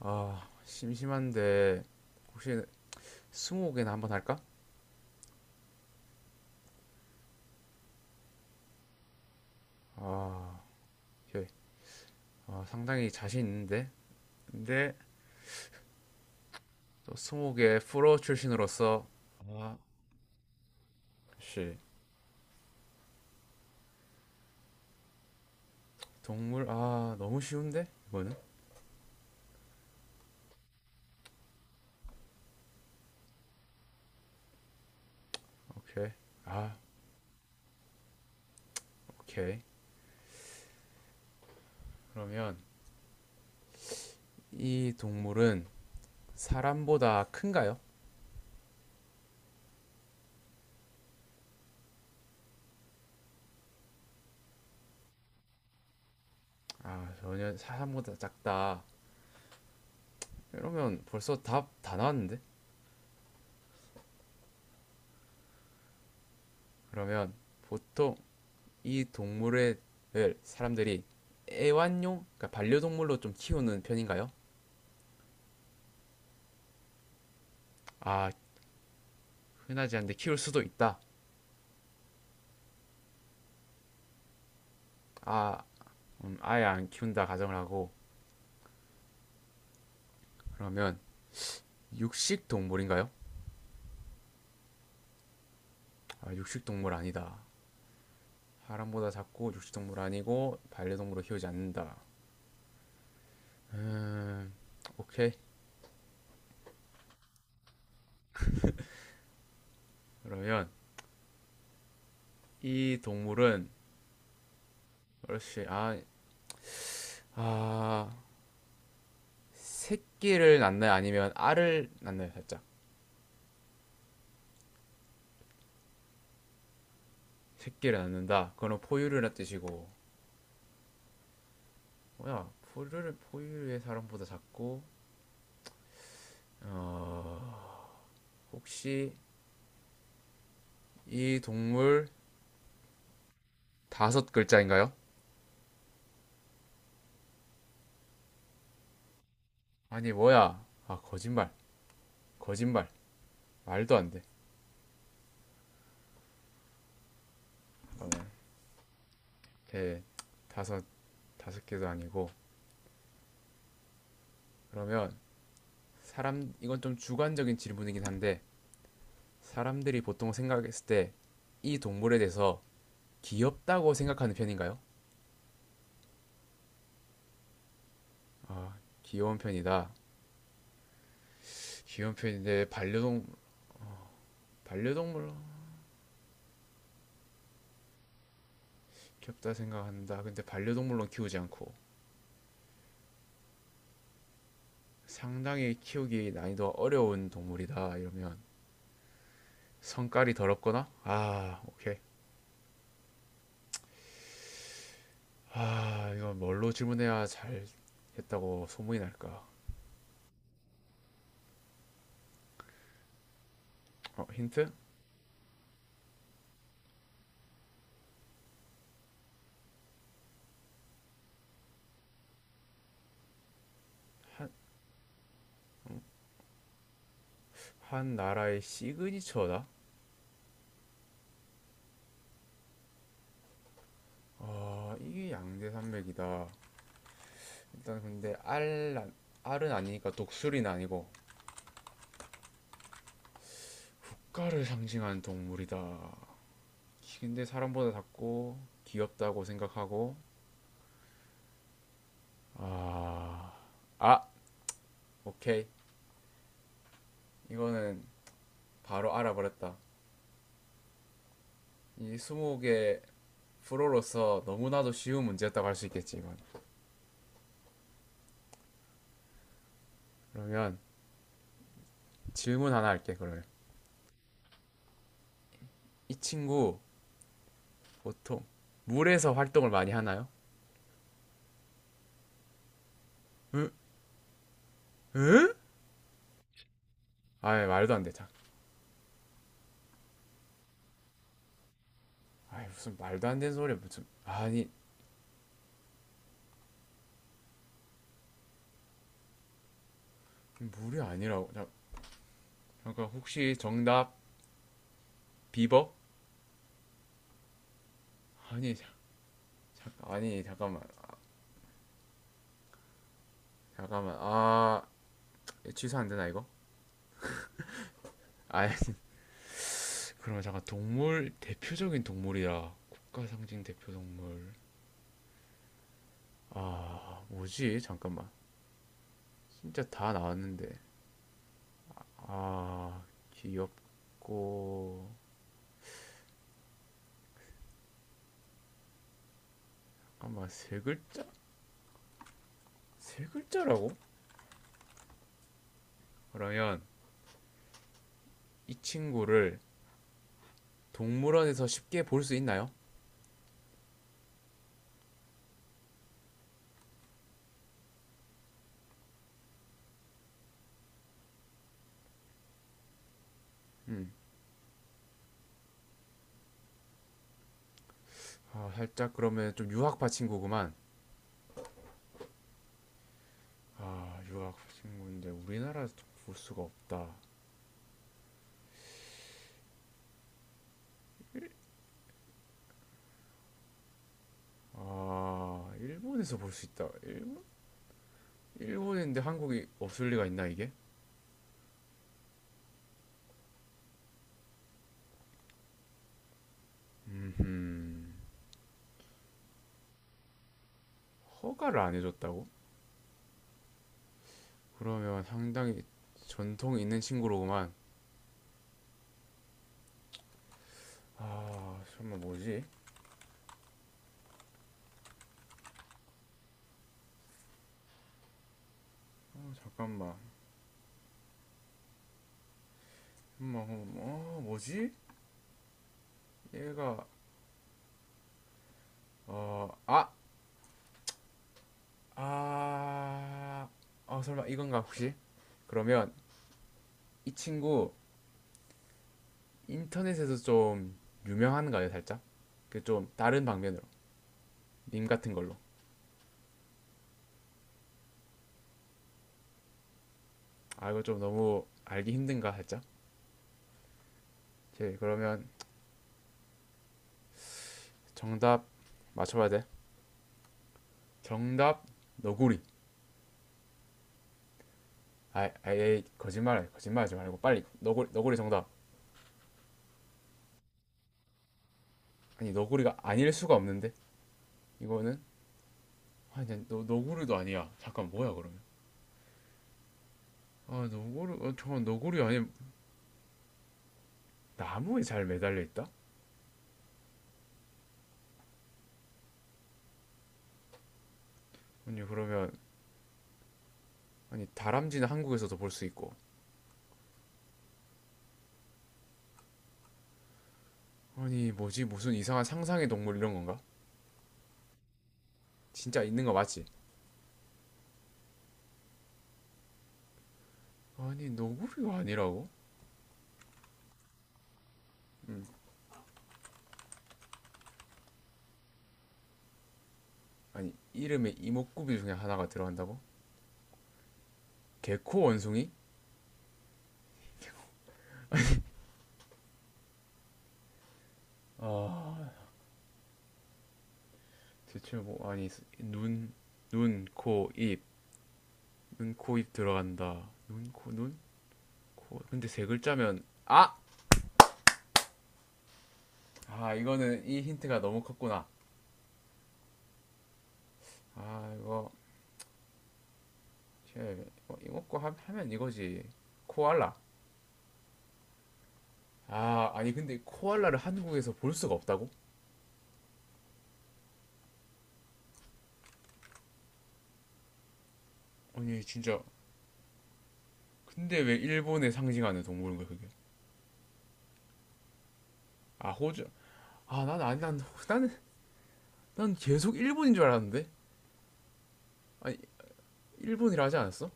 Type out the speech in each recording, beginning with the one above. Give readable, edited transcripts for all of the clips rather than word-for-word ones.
심심한데 혹시 스무고개나 한번 할까? 아, 오케이. 아, 상당히 자신 있는데. 근데 또 스무고개 프로 출신으로서 아, 씨. 동물 아, 너무 쉬운데? 이거는? 오케이. 아, 오케이. 그러면 이 동물은 사람보다 큰가요? 아, 전혀 사람보다 작다. 이러면 벌써 답 다 나왔는데. 그러면 보통 이 동물을 사람들이 애완용, 그러니까 반려동물로 좀 키우는 편인가요? 아, 흔하지 않은데 키울 수도 있다. 아, 아예 안 키운다 가정을 하고 그러면 육식 동물인가요? 아, 육식 동물 아니다. 사람보다 작고 육식 동물 아니고 반려동물로 키우지 않는다. 음, 오케이. 그러면 이 동물은 그렇지. 아, 새끼를 낳나요? 아니면 알을 낳나요? 살짝. 새끼를 낳는다. 그건 포유류란 뜻이고 뭐야 포유류 포유류의, 사람보다 작고 어 혹시 이 동물 다섯 글자인가요? 아니 뭐야 거짓말 거짓말 말도 안 돼. 개 다섯 다섯 개도 아니고 그러면 사람 이건 좀 주관적인 질문이긴 한데 사람들이 보통 생각했을 때 이 동물에 대해서 귀엽다고 생각하는 편인가요? 아 귀여운 편이다. 귀여운 편인데 반려동 반려동물로 귀엽다 생각한다. 근데 반려동물로 키우지 않고 상당히 키우기 난이도가 어려운 동물이다 이러면 성깔이 더럽거나 아 오케이 아 이거 뭘로 질문해야 잘 했다고 소문이 날까? 어 힌트 한, 한 나라의 시그니처다. 어 이게 양대산맥이다. 일단 근데 알 알은 아니니까 독수리는 아니고 국가를 상징하는 동물이다. 근데 사람보다 작고 귀엽다고 생각하고 아, 아, 오케이. 이거는 바로 알아버렸다. 이 수목의 프로로서 너무나도 쉬운 문제였다고 할 수 있겠지, 이건. 그러면 질문 하나 할게, 그러면. 이 친구, 보통, 물에서 활동을 많이 하나요? 으, 으? 아이, 말도 안 돼, 자. 아이, 무슨 말도 안 되는 소리야, 무슨. 아니, 물이 아니라고. 자, 잠깐, 혹시 정답, 비버? 아니, 자, 잠깐, 아니, 잠깐만. 아, 취소 안 되나, 이거? 아이, 그러면 잠깐 동물 대표적인 동물이야. 국가 상징 대표 동물. 아, 뭐지? 잠깐만. 진짜 다 나왔는데. 아, 귀엽고 잠깐만, 세 글자? 세 글자라고? 그러면 이 친구를 동물원에서 쉽게 볼 수 있나요? 음. 아, 살짝 그러면 좀 유학파 친구구만. 아, 유학파 친구인데 우리나라에서 볼 수가 없다. 아, 일본에서 볼 수 있다. 일본인데 한국이 없을 리가 있나 이게? 음, 허가를 안 해줬다고? 그러면 상당히 전통이 있는 친구로구만. 아, 잠깐만 뭐지? 어, 잠깐만, 엄마, 어, 뭐지? 얘가 어, 아, 아, 아, 설마 이건가 혹시? 그러면 이 친구 인터넷에서 좀 유명한가요, 살짝? 그 좀 다른 방면으로, 밈 같은 걸로. 아, 이거 좀 너무 알기 힘든가 살짝? 오케이, 그러면. 정답 맞춰봐야 돼. 정답 너구리. 아예 거짓말 거짓말하지 말고 빨리 너구리 너구리 정답. 아니 너구리가 아닐 수가 없는데 이거는 아니 너 너구리도 아니야. 잠깐 뭐야 그러면? 아 너구리 어, 잠깐 너구리 아니 나무에 잘 매달려 있다? 아니 그러면 아니 다람쥐는 한국에서도 볼 수 있고 아니 뭐지 무슨 이상한 상상의 동물 이런 건가? 진짜 있는 거 맞지? 아니 너구리가 아니라고? 아니 이름에 이목구비 중에 하나가 들어간다고? 개코 원숭이? 아 대체 뭐 아니 눈, 눈, 코, 입, 눈, 코, 입 들어간다. 눈, 코, 눈, 코. 근데 세 글자면 아, 아 이거는 이 힌트가 너무 컸구나. 아 이거 이거 먹고 하, 면 이거지. 코알라. 아 아니 근데 코알라를 한국에서 볼 수가 없다고? 아니 진짜. 근데 왜 일본에 상징하는 동물인 거야 그게? 아 호주. 아 난 아니 난 나는 난 계속 일본인 줄 알았는데. 아니 일본이라 하지 않았어?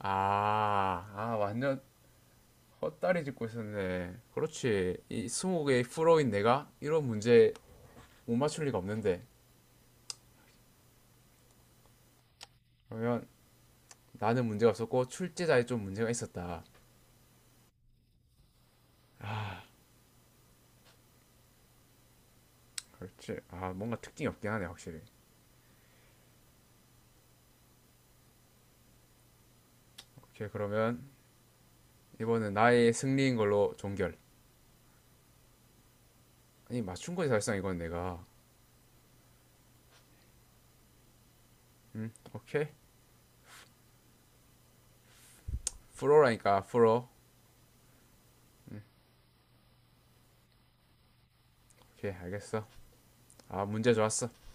아, 아 완전 헛다리 짚고 있었네. 그렇지. 이 20개의 프로인 내가 이런 문제 못 맞출 리가 없는데. 그러면 나는 문제가 없었고 출제자에 좀 문제가 있었다. 그렇지. 아, 뭔가 특징이 없긴 하네, 확실히. 오케이, 그러면 이번은 나의 승리인 걸로 종결. 아니, 맞춘 거지, 사실상 이건 내가. 응, 오케이. 프로라니까, 프로. 오케이, 알겠어. 아, 문제 좋았어.